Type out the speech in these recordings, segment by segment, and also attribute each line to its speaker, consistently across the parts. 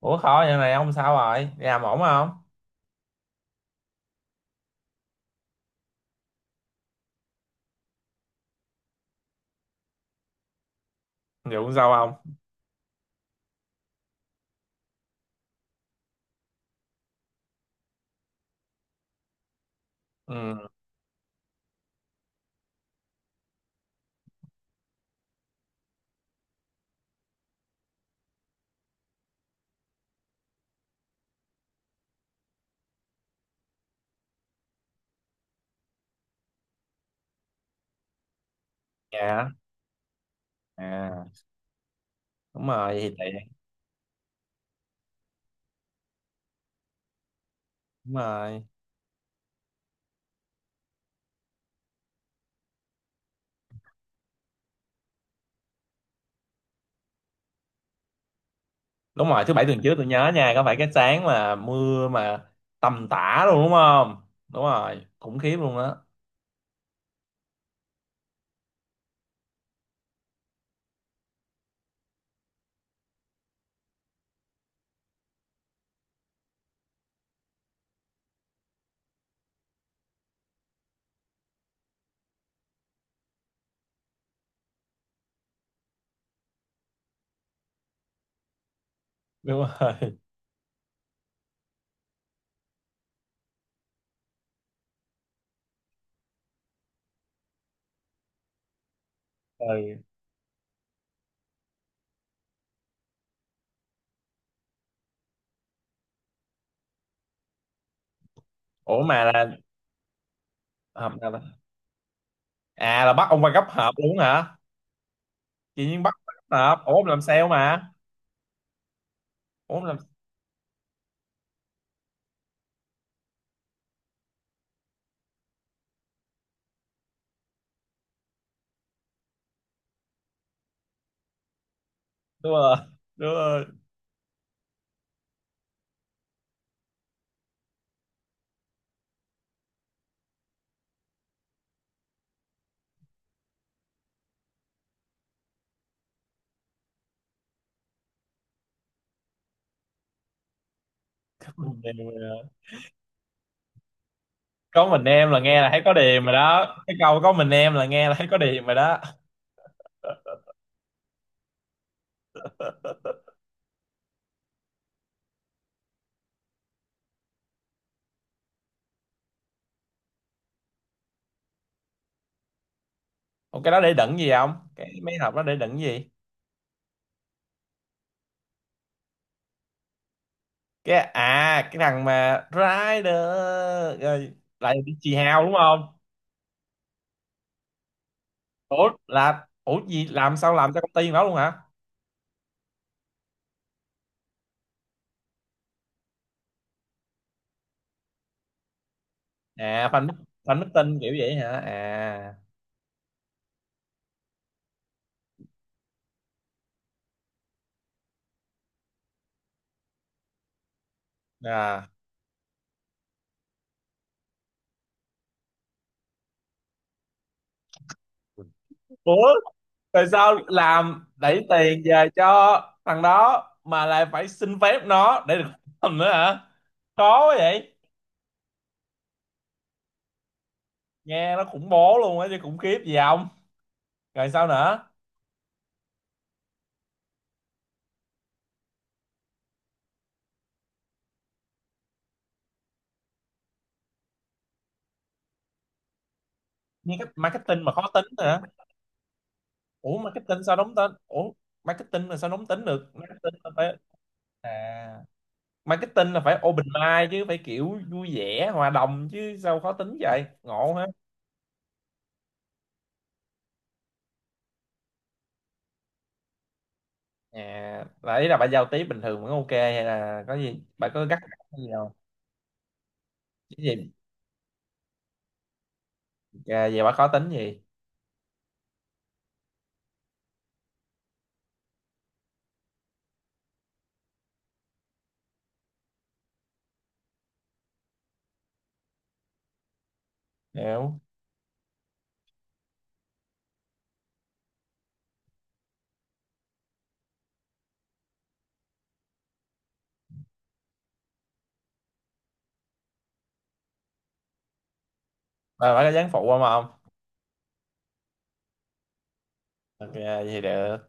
Speaker 1: Ủa khó vậy này ông, sao rồi, đi làm ổn không? Vụ sao không? Ừ. Dạ. À. Đúng rồi, vậy thì tiện. Đúng rồi đúng rồi thứ bảy tuần trước tôi nhớ nha, có phải cái sáng mà mưa mà tầm tã luôn đúng không? Đúng rồi, khủng khiếp luôn đó. Đúng rồi. Ừ. Ủa mà là hợp nào ta? À là bắt ông qua gấp hợp luôn hả? Chị Nhiên bắt gấp hợp, ủa ông làm sale mà. Ủa ông làm. Đúng rồi. Đúng rồi. Có mình em rồi đó. Có mình em là nghe là thấy có điềm rồi đó, cái câu có mình em là nghe là thấy có điềm rồi đó. Ủa cái đó để đựng gì không? Cái mấy hộp đó để đựng gì? Cái, à cái thằng mà Rider, rồi. Lại bị chì hào đúng không? Ủa là, ủa gì, làm sao làm cho công ty đó luôn hả? À fan. Fan meeting kiểu vậy hả? À. À. Ủa tại sao làm đẩy tiền về cho thằng đó mà lại phải xin phép nó để được làm nữa hả? Khó quá vậy. Nghe nó khủng bố luôn á chứ khủng khiếp gì không? Rồi sao nữa? Nghe cách marketing mà khó tính nữa. Ủa marketing sao đóng tên, ủa marketing là sao đóng tính được, marketing là phải. À marketing là phải open mind chứ, phải kiểu vui vẻ hòa đồng chứ sao khó tính vậy ngộ ha. À là ý là bà giao tiếp bình thường vẫn ok, hay là có gì bà có gắt cái gì không? Chứ gì. À, về bà khó tính gì. Hiểu. Bà có dáng phụ không không? Ok vậy thì được.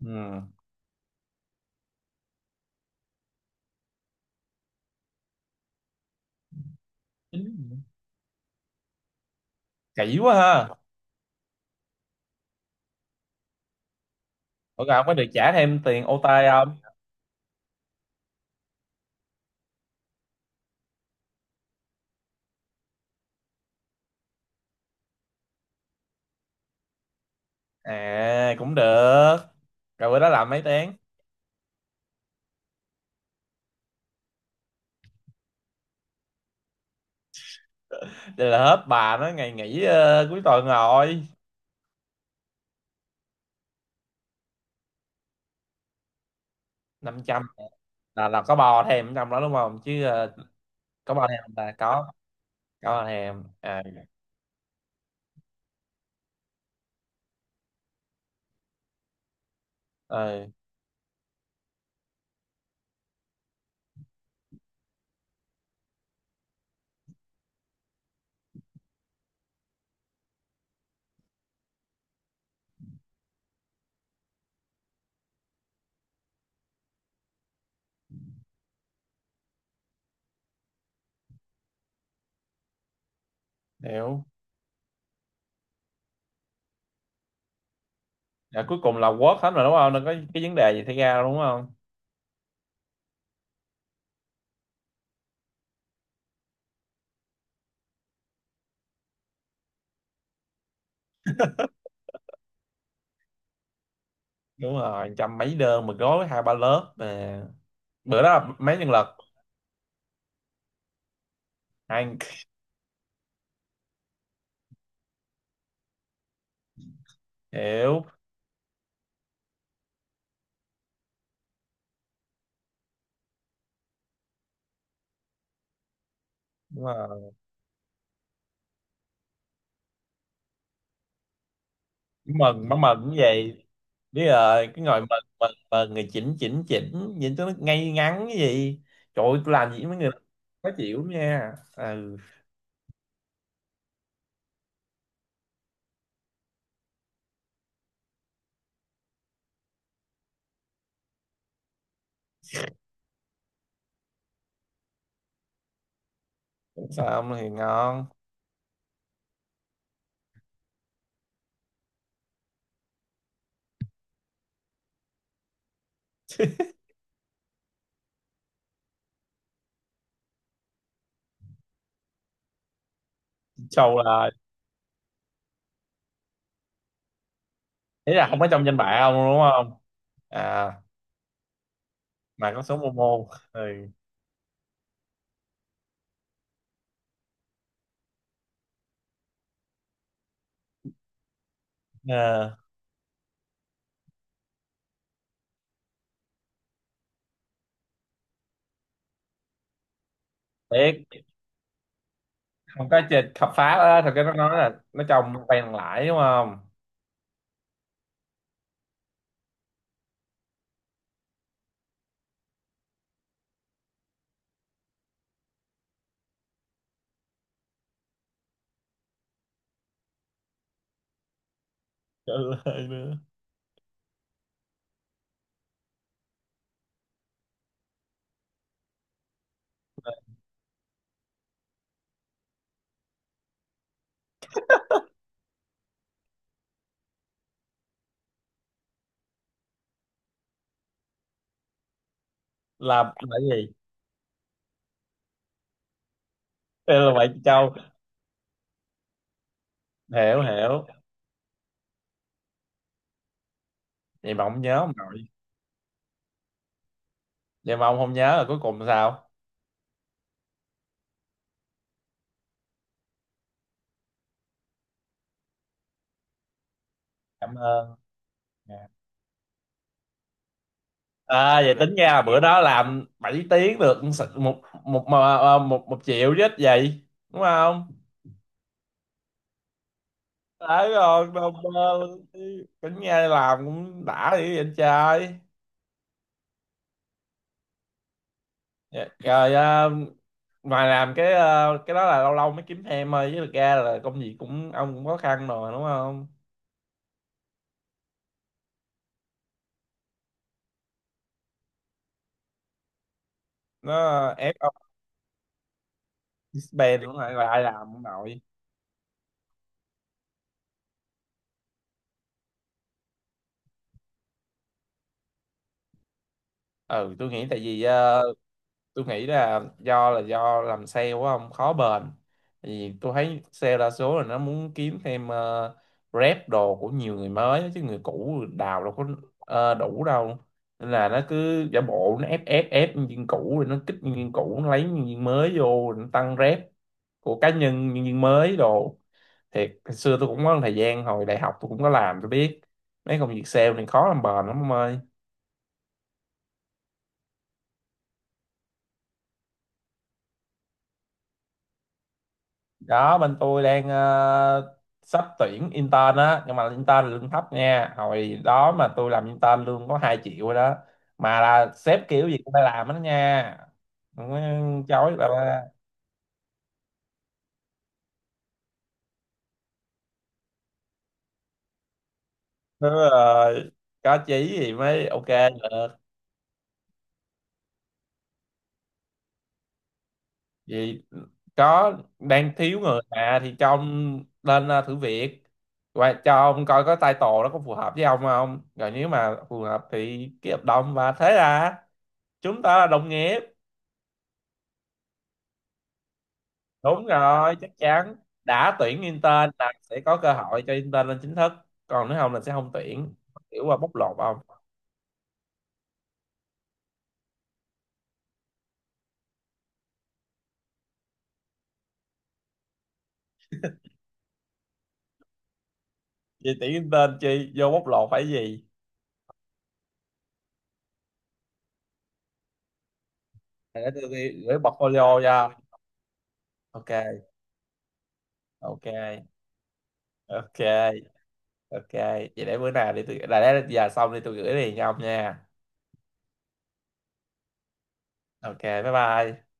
Speaker 1: Ừ. Tính. Kỹ quá ha. Ủa rồi không có được trả thêm tiền OT không? À cũng được, rồi bữa đó làm mấy tiếng? Đây là hết bà nó ngày nghỉ cuối tuần rồi. Năm trăm. Là có bò thèm trong đó đúng không chứ có bò thêm là có. Có bò thêm à. ừ, Hiểu. Dạ, cuối cùng là quất hết rồi đúng không, đâu có cái vấn đề gì xảy ra đâu đúng không? Đúng rồi, trăm mấy đơn mà gói hai ba lớp mà. Bữa đó là mấy nhân lực? Ăn. Hiểu. Đúng rồi. Mừng má, mừng cái gì. Biết rồi cái ngồi mừng. Mừng người chỉnh chỉnh chỉnh nhìn cho nó ngay ngắn cái gì. Trời ơi, tôi làm gì với mấy người đó. Khó chịu lắm nha, ừ. Xong thì ngon. Trâu là. Ý là không có trong danh bạ ông đúng không. À. Mà có số Momo. Thì. À, tiếc. Không có chơi khám phá á, thật ra nó nói là nó trồng quen thằng lãi đúng không. Trời ơi, nữa. Là gì. Đây là vậy trâu. Hiểu hiểu. Vậy mà ông nhớ ông nội. Vậy mà ông không nhớ là cuối cùng sao. Cảm ơn. À vậy tính ra là bữa đó làm 7 tiếng được một, một triệu chứ ít gì đúng không. Đấy rồi mà, cũng nghe làm cũng đã dữ vậy anh trai. Dạ, rồi à, ngoài làm cái à, cái đó là lâu lâu mới kiếm thêm thôi chứ thực ra là công việc cũng, ông cũng khó khăn rồi đúng không. Nó ép ông. Spend cũng lại lại làm không nội. Ừ tôi nghĩ tại vì tôi nghĩ là do làm sale quá không khó bền. Thì tôi thấy sale đa số là nó muốn kiếm thêm rep đồ của nhiều người mới chứ người cũ đào đâu có đủ đâu. Nên là nó cứ giả bộ nó ép ép ép nhân viên cũ rồi nó kích nhân viên cũ nó lấy nhân viên mới vô rồi nó tăng rep của cá nhân nhân viên mới đồ. Thiệt hồi xưa tôi cũng có một thời gian hồi đại học tôi cũng có làm tôi biết, mấy công việc sale này khó làm bền lắm ông ơi. Đó bên tôi đang sắp tuyển intern á, nhưng mà intern lương thấp nha, hồi đó mà tôi làm intern lương có 2 triệu rồi đó. Mà là sếp kiểu gì cũng phải làm hết đó nha, không có chối bà ba. Đúng rồi, có chí thì mới ok được. Vì có đang thiếu người mà, thì cho ông lên thử việc, và cho ông coi có title nó có phù hợp với ông không, rồi nếu mà phù hợp thì ký hợp đồng và thế là chúng ta là đồng nghiệp. Đúng rồi, chắc chắn. Đã tuyển intern là sẽ có cơ hội cho intern lên chính thức. Còn nếu không là sẽ không tuyển. Kiểu qua bóc lột không? Chị tuyển intern chi? Vô bóc lột phải gì? Để tôi ghi- gửi portfolio cho. Ok, ok, ok, ok. Vậy để bữa nào đi tôi... Là để giờ xong đi tôi gửi liền cho ông nha. Ok, bye bye.